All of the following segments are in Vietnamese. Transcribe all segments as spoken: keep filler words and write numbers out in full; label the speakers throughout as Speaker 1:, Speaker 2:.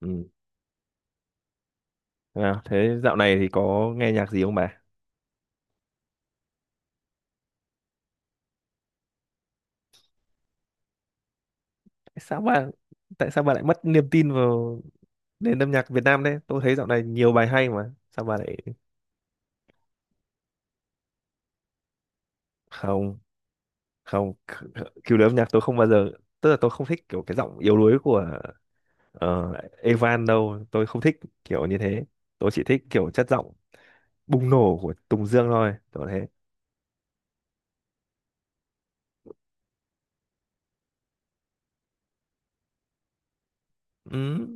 Speaker 1: Ừ. À, thế dạo này thì có nghe nhạc gì không bà? Tại sao bà tại sao bà lại mất niềm tin vào nền âm nhạc Việt Nam đấy? Tôi thấy dạo này nhiều bài hay mà. Sao bà lại? Không không k- Kiểu đấy âm nhạc tôi không bao giờ, tức là tôi không thích kiểu cái giọng yếu đuối của ờ, Evan đâu, tôi không thích kiểu như thế. Tôi chỉ thích kiểu chất giọng bùng nổ của Tùng Dương thôi, tôi thế. Ừ,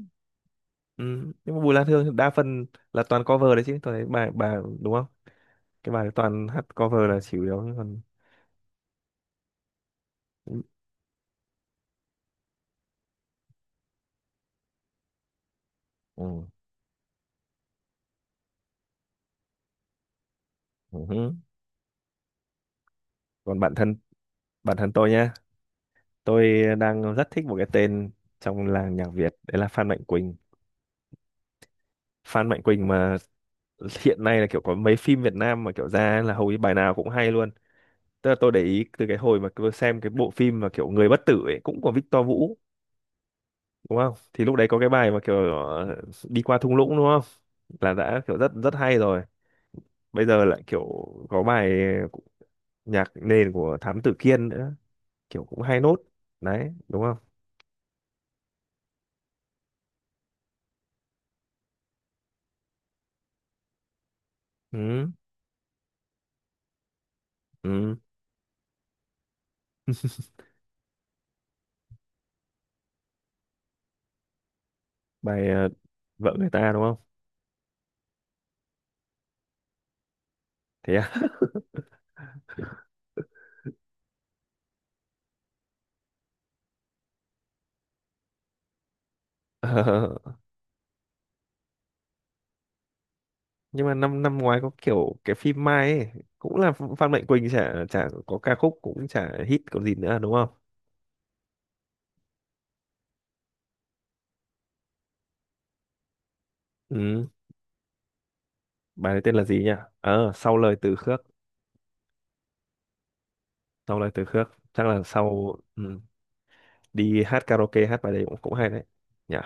Speaker 1: ừ. Nhưng mà Bùi Lan Hương đa phần là toàn cover đấy chứ, tôi thấy bà bà đúng không? Cái bài toàn hát cover là chủ yếu còn. Ừ. Ừ. Hứ. Còn bản thân bản thân tôi nhá, tôi đang rất thích một cái tên trong làng nhạc Việt đấy là Phan Mạnh Quỳnh. Phan Mạnh Quỳnh mà hiện nay là kiểu có mấy phim Việt Nam mà kiểu ra là hầu như bài nào cũng hay luôn. Tức là tôi để ý từ cái hồi mà tôi xem cái bộ phim mà kiểu Người Bất Tử ấy cũng của Victor Vũ đúng không? Thì lúc đấy có cái bài mà kiểu ờ, đi qua thung lũng đúng không? Là đã kiểu rất rất hay rồi. Bây giờ lại kiểu có bài nhạc nền của Thám Tử Kiên nữa, kiểu cũng hay nốt. Đấy, đúng không? Ừ. Ừ. Bài ờ, vợ người ta đúng không? Thế à? Ờ, nhưng mà năm năm ngoái có kiểu cái phim Mai ấy, cũng là Phan Mạnh Quỳnh chả chả có ca khúc cũng chả hit còn gì nữa đúng không? Ừ. Bài này tên là gì nhỉ? Ờ sau lời từ khước, sau lời từ khước, chắc là sau. Ừ. Đi hát karaoke hát bài đấy cũng cũng hay đấy nhỉ.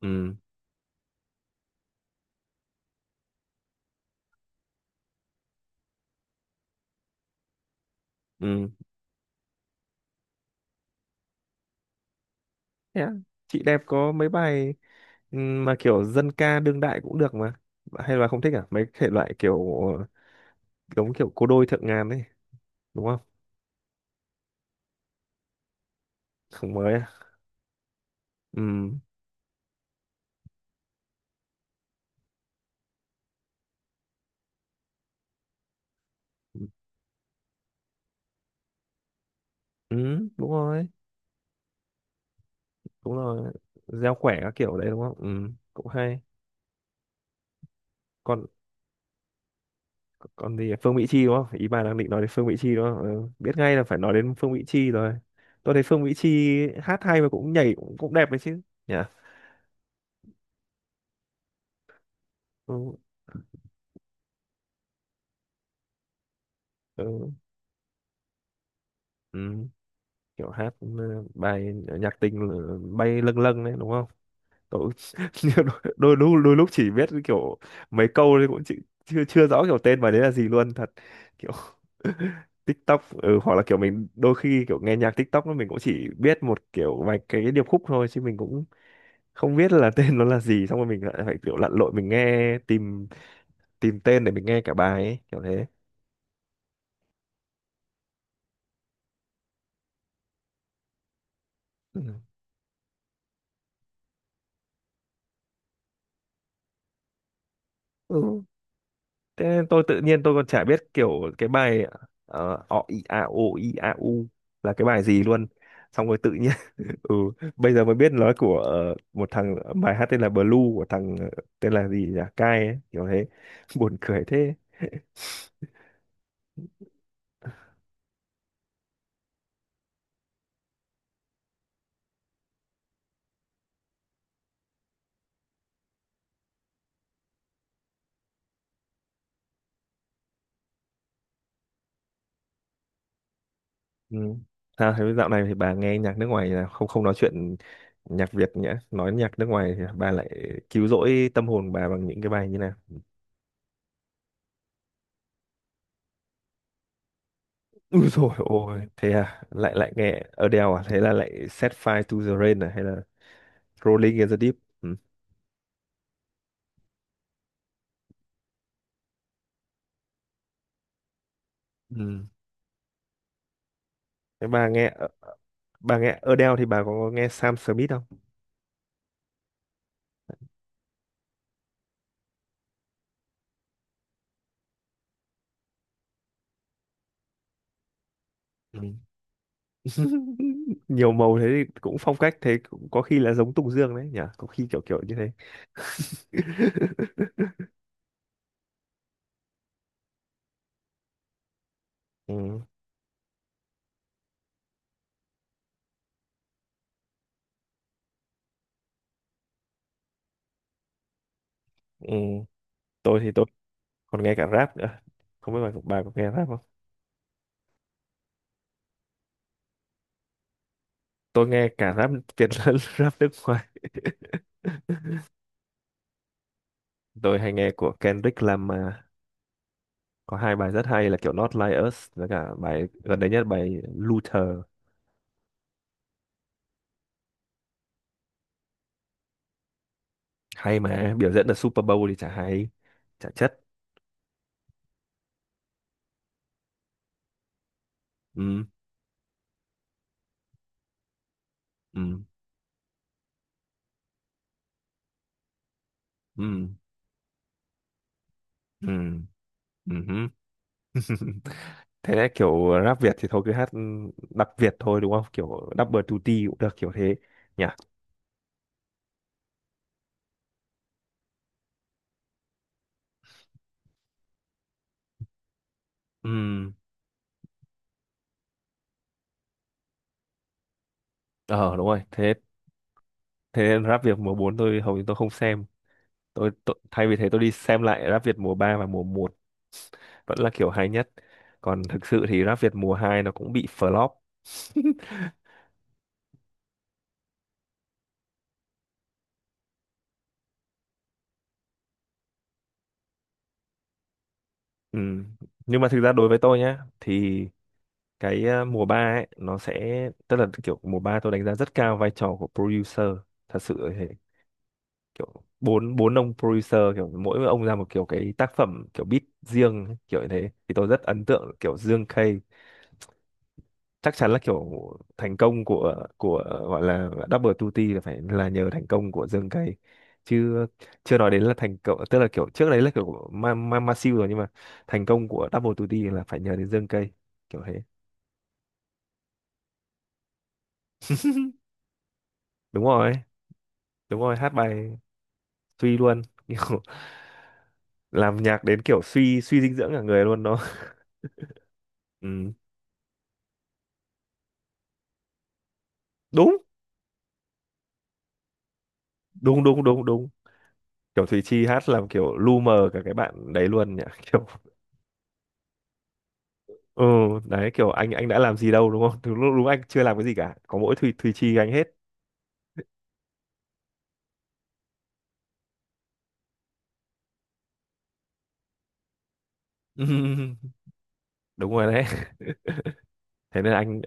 Speaker 1: Ừ. Ừ. Thế à? Chị đẹp có mấy bài, ừ, mà kiểu dân ca đương đại cũng được mà. Hay là không thích à mấy thể loại kiểu giống kiểu cô đôi thượng ngàn ấy đúng không? Không mới à? Ừ, ừ, đúng rồi, đúng rồi. Gieo quẻ các kiểu đấy đúng không? Ừ, cũng hay. Còn còn thì Phương Mỹ Chi đúng không, ý bà đang định nói đến Phương Mỹ Chi đúng không? Ừ. Biết ngay là phải nói đến Phương Mỹ Chi rồi. Tôi thấy Phương Mỹ Chi hát hay mà cũng nhảy cũng, cũng đẹp đấy chứ nhỉ? Ừ. Ừ. Ừ. Kiểu hát, ừ, bài nhạc tình, ừ, bay lâng lâng đấy đúng không? Cậu đôi, lúc đôi lúc chỉ biết kiểu mấy câu thì cũng chỉ, chưa chưa rõ kiểu tên bài đấy là gì luôn thật, kiểu TikTok, ừ, hoặc là kiểu mình đôi khi kiểu nghe nhạc TikTok nó mình cũng chỉ biết một kiểu vài cái điệp khúc thôi chứ mình cũng không biết là tên nó là gì, xong rồi mình lại phải kiểu lặn lội mình nghe tìm tìm tên để mình nghe cả bài ấy, kiểu thế. Ừ. Ừ. Thế nên tôi tự nhiên tôi còn chả biết kiểu cái bài ờ, ọ i a o i a u là cái bài gì luôn, xong rồi tự nhiên, ừ, bây giờ mới biết nó của ờ, một thằng, bài hát tên là Blue của thằng, ờ, tên là gì nhỉ, Kai ấy, kiểu thế buồn cười thế. Ừ. Sao thế, dạo này thì bà nghe nhạc nước ngoài là không không nói chuyện nhạc Việt nhỉ? Nói nhạc nước ngoài thì bà lại cứu rỗi tâm hồn bà bằng những cái bài như nào? Úi dồi ôi, thế à, lại lại nghe Adele à? Thế là lại Set Fire to the Rain à hay là Rolling in the Deep? Ừ. Ừ. thế bà nghe ờ, Bà nghe Adele thì bà có nghe Sam Smith không? Ừ. Nhiều màu thế thì cũng phong cách, thế cũng có khi là giống Tùng Dương đấy nhỉ, có khi kiểu kiểu như thế ừ, ừ. Tôi thì tôi còn nghe cả rap nữa, không biết bà, bà có nghe rap không? Tôi nghe cả rap Việt lẫn rap nước ngoài. Tôi hay nghe của Kendrick Lamar, có hai bài rất hay là kiểu Not Like Us với cả bài gần đây nhất, bài Luther, hay mà. Biểu diễn ở Super Bowl thì chả hay, chả chất. Ừ, ừ, ừ, ừ, ừ, ừ, hứ. Thế đấy kiểu rap Việt thì thôi cứ hát đặc Việt thôi đúng không, kiểu double duty cũng được, kiểu thế nhỉ. Ừm, ờ đúng rồi. Thế thế nên rap Việt mùa bốn tôi hầu như tôi không xem, tôi, tôi thay vì thế tôi đi xem lại rap Việt mùa ba và mùa một vẫn là kiểu hay nhất. Còn thực sự thì rap Việt mùa hai nó cũng bị flop. Ừm, nhưng mà thực ra đối với tôi nhá thì cái ờ, mùa ba ấy nó sẽ, tức là kiểu mùa ba tôi đánh giá rất cao vai trò của producer thật sự, kiểu bốn bốn ông producer kiểu mỗi ông ra một kiểu cái tác phẩm kiểu beat riêng kiểu như thế thì tôi rất ấn tượng kiểu Dương K. Chắc chắn là kiểu thành công của của gọi là Double tutti là phải là nhờ thành công của Dương K chứ. Chưa nói đến là thành công, tức là kiểu trước đấy là kiểu của Ma, Ma, Ma Siêu rồi nhưng mà thành công của Double tutti là phải nhờ đến Dương K, kiểu thế. Đúng rồi, đúng rồi, hát bài suy luôn kiểu làm nhạc đến kiểu suy suy dinh dưỡng cả người luôn đó. Ừ. Đúng, đúng, đúng, đúng, đúng, kiểu Thùy Chi hát làm kiểu lu mờ cả cái bạn đấy luôn nhỉ kiểu ừ. Đấy kiểu anh anh đã làm gì đâu đúng không? Đúng, lúc- đúng anh chưa làm cái gì cả, có mỗi Thùy Thùy Chi anh hết. Đúng rồi đấy, thế nên anh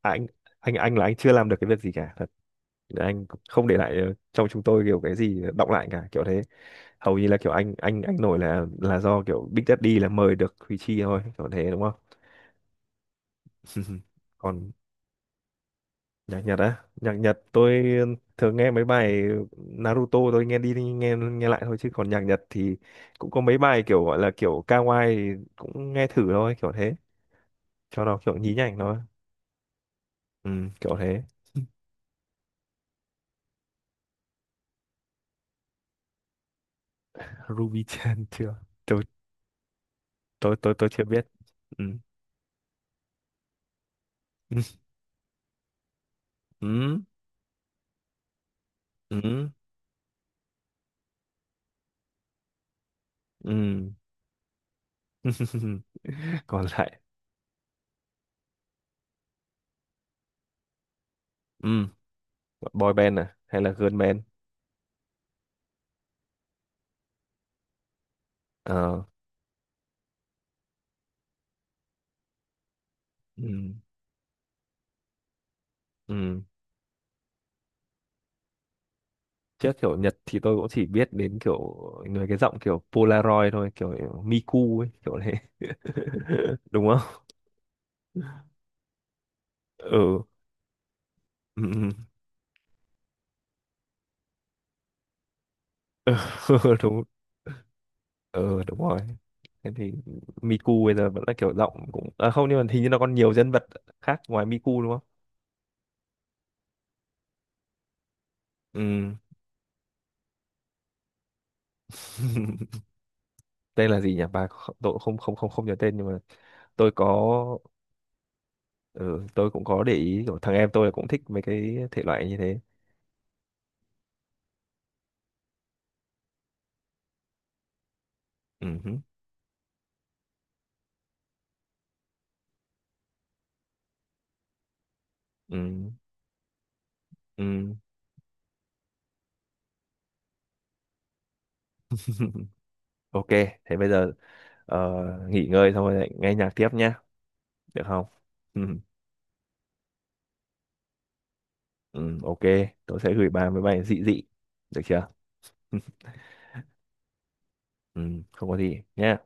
Speaker 1: anh anh anh là anh chưa làm được cái việc gì cả thật, anh không để lại ờ, trong chúng tôi kiểu cái gì đọng lại cả, kiểu thế. Hầu như là kiểu anh anh anh nổi là là do kiểu Big Daddy là mời được Thùy Chi thôi, kiểu thế đúng không? Còn nhạc Nhật á, nhạc Nhật tôi thường nghe mấy bài Naruto, tôi nghe đi nghe nghe lại thôi chứ còn nhạc Nhật thì cũng có mấy bài kiểu gọi là kiểu kawaii thì cũng nghe thử thôi, kiểu thế, cho nó kiểu nhí nhảnh thôi. Ừ, kiểu thế. Ruby Chan chưa? Tôi tôi tôi tôi chưa biết. Ừ. Ừ. Ừ. Ừ. Còn lại, ừ, boy band à hay là girl band? Ờ. Ừ. Ừ. Chứ kiểu Nhật thì tôi cũng chỉ biết đến kiểu người cái giọng kiểu Polaroid thôi, kiểu Miku ấy, kiểu thế đúng không? Ừ. Ừ, ừ. Đúng, ừ, đúng rồi. Thế thì Miku bây giờ vẫn là kiểu giọng cũng, à, không, nhưng mà hình như là còn nhiều nhân vật khác ngoài Miku đúng không? Ừ. Tên là gì nhỉ bà, kh- tôi cũng không không không không nhớ tên nhưng mà tôi có, ừ, tôi cũng có để ý kiểu thằng em tôi cũng thích mấy cái thể loại như thế. Ừ hứ, ừ, ừ. Ok, thế bây giờ. Ờ, nghỉ ngơi xong rồi lại nghe nhạc tiếp nhá, được không? Ừ, ừ, ok, tôi sẽ gửi bài với bài dị dị, được chưa? Ừ, không có gì nhá.